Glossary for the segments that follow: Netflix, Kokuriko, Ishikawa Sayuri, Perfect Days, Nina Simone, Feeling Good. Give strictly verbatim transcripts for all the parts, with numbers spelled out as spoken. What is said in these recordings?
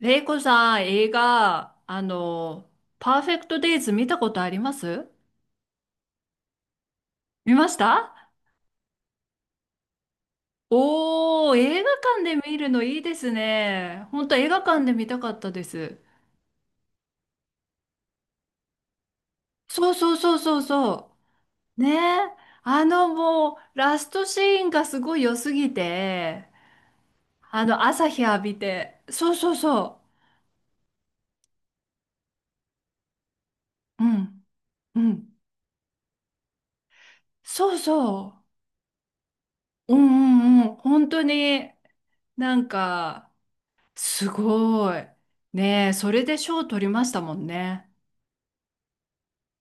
レイコさん、映画、あの、パーフェクトデイズ見たことあります見ましたおー、映画館で見るのいいですね。本当映画館で見たかったです。そうそうそうそうそう。ねえ。あのもう、ラストシーンがすごい良すぎて、あの、朝日浴びて。そうそうそう。うん、うん。そうそう。うんうんうん。本当に。なんか、すごい。ねえ、それで賞取りましたもんね。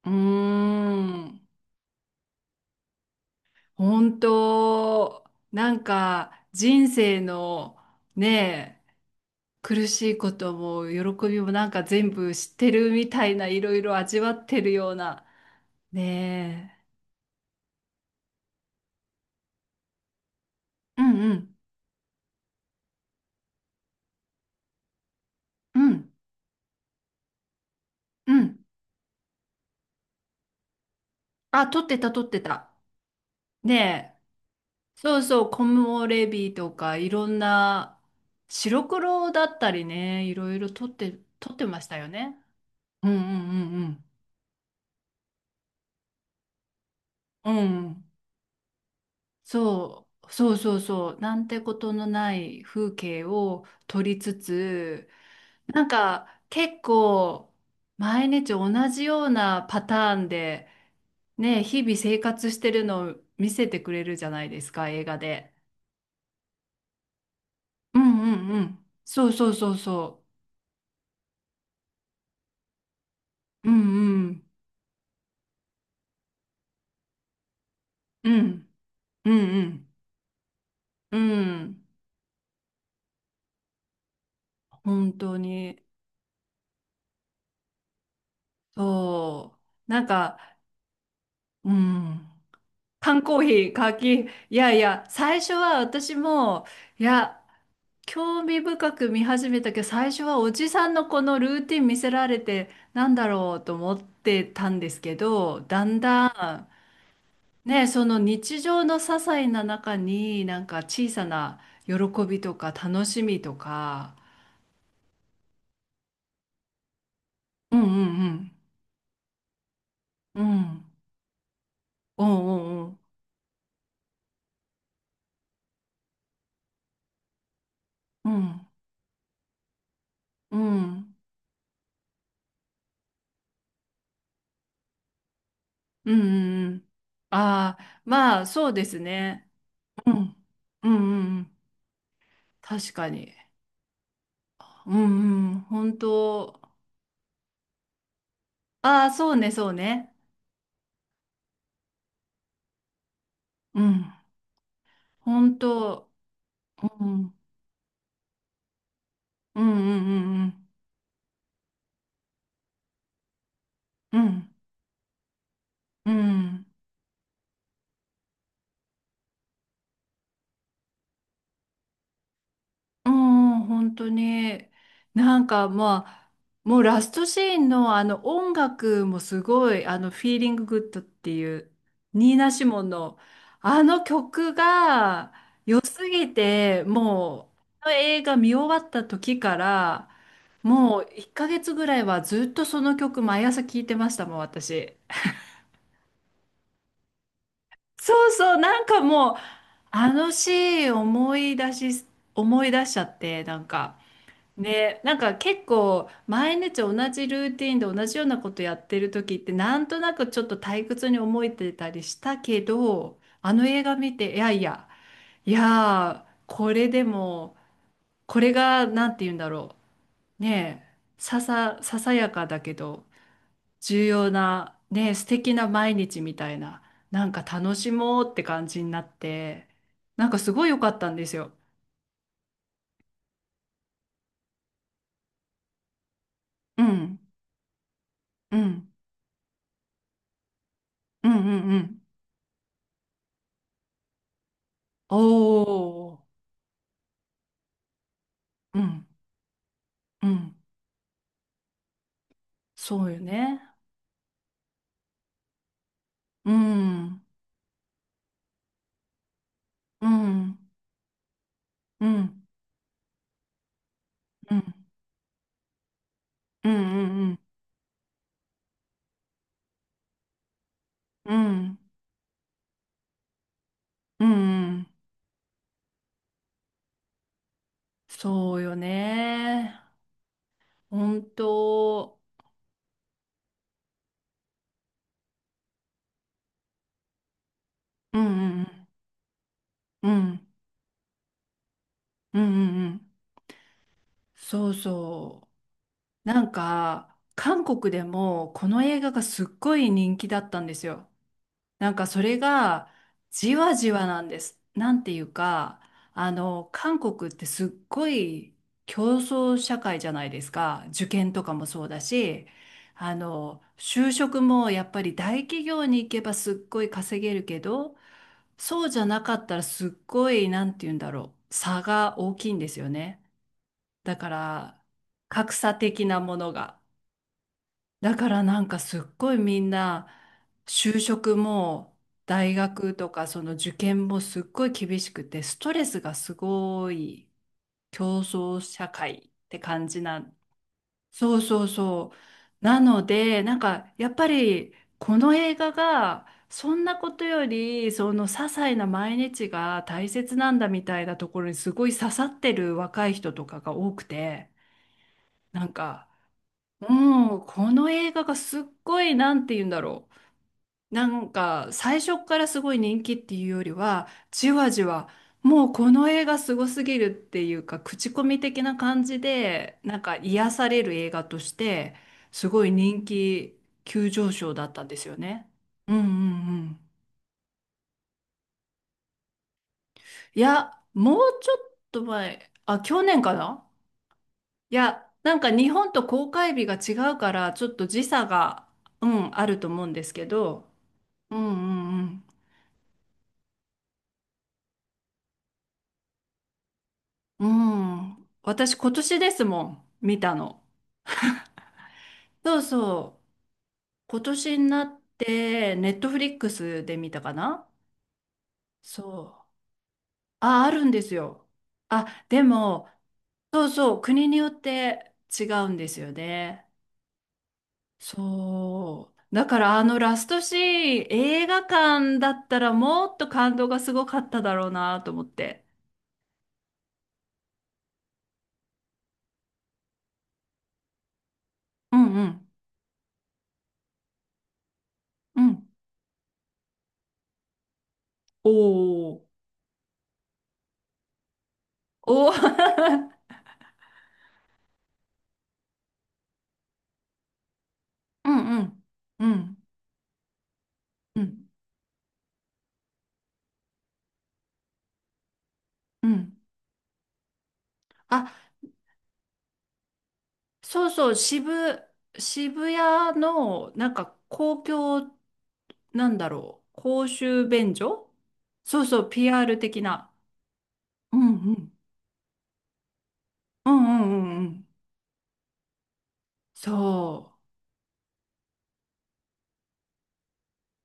うーん。本当、なんか人生のねえ、苦しいことも喜びもなんか全部知ってるみたいないろいろ味わってるような。ねえ。うんうんうんうん。あ、取ってた取ってた。ねえ。そうそう、コモレビとかいろんな白黒だったりね、いろいろ取って、取ってましたよね。うんうんうんうん。うん。そう、そうそうそう。なんてことのない風景を撮りつつ、なんか結構毎日同じようなパターンで、ね、日々生活してるのを見せてくれるじゃないですか、映画で。うんうんうん。そうそうそうそう。うんうん。うんうんうん。うん。本当に。そう。なんか、うん。缶コーヒー、カキ、いやいや、最初は私も、いや、興味深く見始めたけど、最初はおじさんのこのルーティン見せられて、なんだろうと思ってたんですけど、だんだん、ね、その日常の些細な中に、なんか小さな喜びとか楽しみとか、うんうんうん、うん、うんうんうん、うん、うん、うん、うん、うん、ああ、まあそうですね。うん。うんうんうん。確かに。うんうん。本当。ああ、そうね、そうね。うん。本当。うん。うんうんうんうん。うん。うん。うん本当に。なんかまあ、もうラストシーンのあの音楽もすごい、あの、フィーリンググッドっていう、ニーナ・シモンの、あの曲が良すぎて、もう、あの映画見終わった時から、もういっかげつぐらいはずっとその曲毎朝聴いてましたもん、私。そうそう、なんかもう、あのシーン思い出し、思い出しちゃって、なんか、ね、なんか結構毎日同じルーティンで同じようなことやってる時ってなんとなくちょっと退屈に思えてたりしたけど、あの映画見て、いやいや、いやー、これでも、これが、なんて言うんだろう。ねえ、ささ、ささやかだけど、重要なね素敵な毎日みたいななんか楽しもうって感じになってなんかすごい良かったんですようんうんうんうんうんおううんうんそうよねうんうんうんうんうんうんうんうんうんうんそうよね本当うんうんうんうんうんうんうんそうそう。なんか、韓国でもこの映画がすっごい人気だったんですよ。なんかそれがじわじわなんです。なんていうか、あの、韓国ってすっごい競争社会じゃないですか。受験とかもそうだし、あの、就職もやっぱり大企業に行けばすっごい稼げるけど、そうじゃなかったらすっごい、なんて言うんだろう、差が大きいんですよね。だから、格差的なものが。だからなんかすっごいみんな就職も大学とかその受験もすっごい厳しくてストレスがすごい競争社会って感じなんそうそうそうなのでなんかやっぱりこの映画がそんなことよりその些細な毎日が大切なんだみたいなところにすごい刺さってる若い人とかが多くてなんかもう、この映画がすっごい、なんて言うんだろう。なんか、最初からすごい人気っていうよりは、じわじわ、もうこの映画すごすぎるっていうか、口コミ的な感じで、なんか癒される映画として、すごい人気急上昇だったんですよね。うんうんうん。いや、もうちょっと前、あ、去年かないや、なんか日本と公開日が違うから、ちょっと時差が、うん、あると思うんですけど、うんうんうん。うん。私今年ですもん、見たの。そうそう。今年になって、ネットフリックスで見たかなそう。あ、あるんですよ。あ、でも、そうそう、国によって違うんですよね。そう。だからあのラストシーン、映画館だったらもっと感動がすごかっただろうなと思って。うんうん。うん。おー。おー。うんうん。うん。うんうんあ、そうそう、渋、渋谷の、なんか公共、なんだろう、公衆便所そうそう、ピーアール 的な。うんうん。うんうんうんうん。そ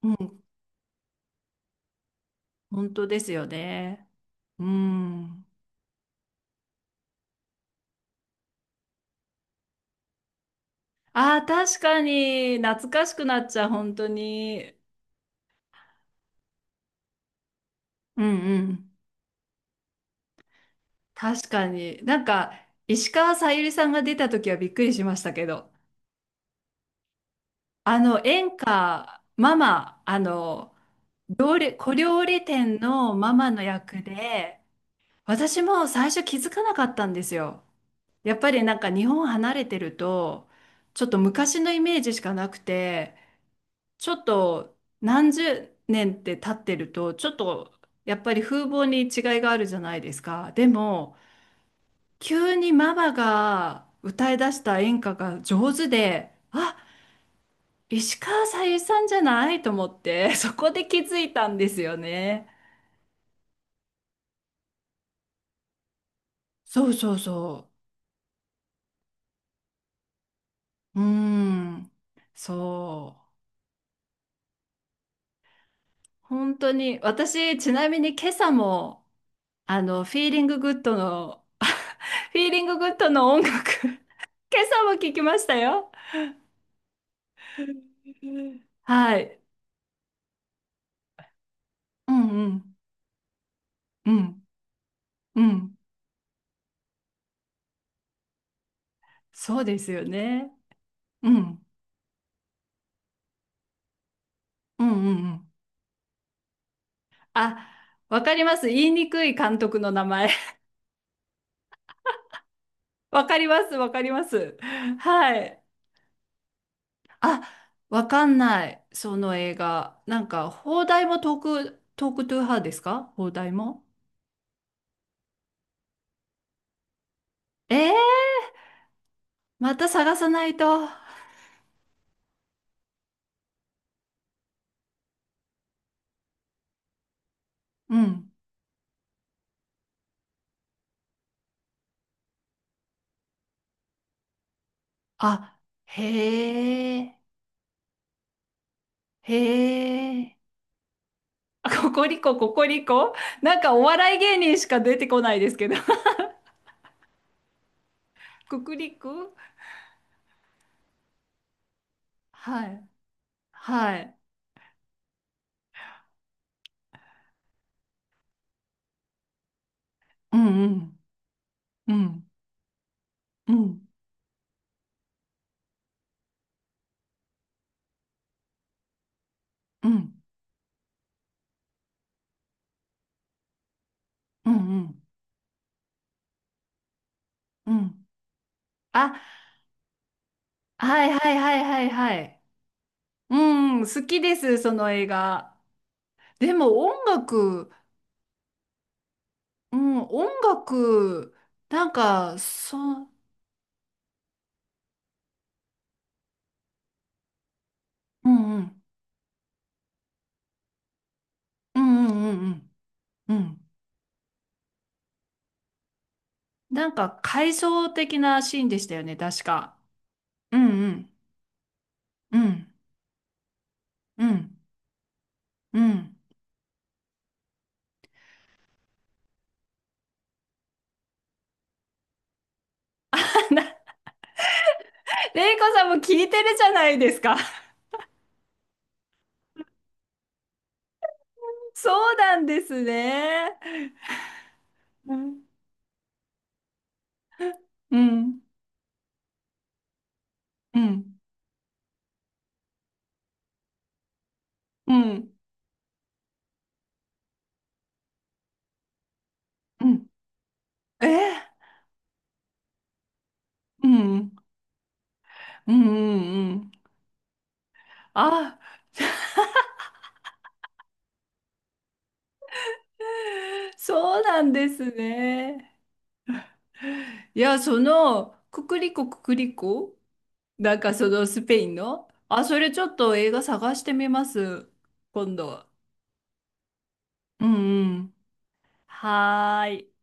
う。うん、本当ですよね。うん。ああ、確かに、懐かしくなっちゃう、本当に。うんうん。確かに。なんか、石川さゆりさんが出た時はびっくりしましたけど。あの、演歌、ママ、あの、料理、小料理店のママの役で、私も最初気づかなかったんですよ。やっぱりなんか日本離れてると、ちょっと昔のイメージしかなくて、ちょっと何十年って経ってると、ちょっとやっぱり風貌に違いがあるじゃないですか。でも、急にママが歌い出した演歌が上手で、あ石川さゆりさんじゃないと思って、そこで気づいたんですよね。そうそうそう。うーん。そう。本当に、私、ちなみに今朝も、あの、フィーリンググッドの、フィーリンググッドの音楽、今朝も聞きましたよ。うんはい。うんうんうんうんそうですよね。うんうんうんうん。あ、わかります。言いにくい監督の名前。わかります、わかります。はい。あ、わかんない、その映画。なんか、邦題もトーク、トークトゥーハーですか邦題も。えー、また探さないと。うん。あ、へえ、へえ。ココリコ、ココリコなんかお笑い芸人しか出てこないですけど。ココリコはい。はい。うんうん。うんうん。うんうん。うんうん。あ、はいはいはいはいはい。うん、好きです、その映画。でも音楽、うん、音楽、なんか、そう、うんうん、うんうんうんうんうん。なんか、回想的なシーンでしたよね、確か。うんうん、うん、うん、うん。レイコさんも聞いてるじゃないですか。そうなんですね。うん、うん、うん、うん、うん。えうん、うん、うん、うん。あそうなんですね。いや、その、ククリコククリコなんかそのスペインのあ、それちょっと映画探してみます。今度。うんうん。はーい。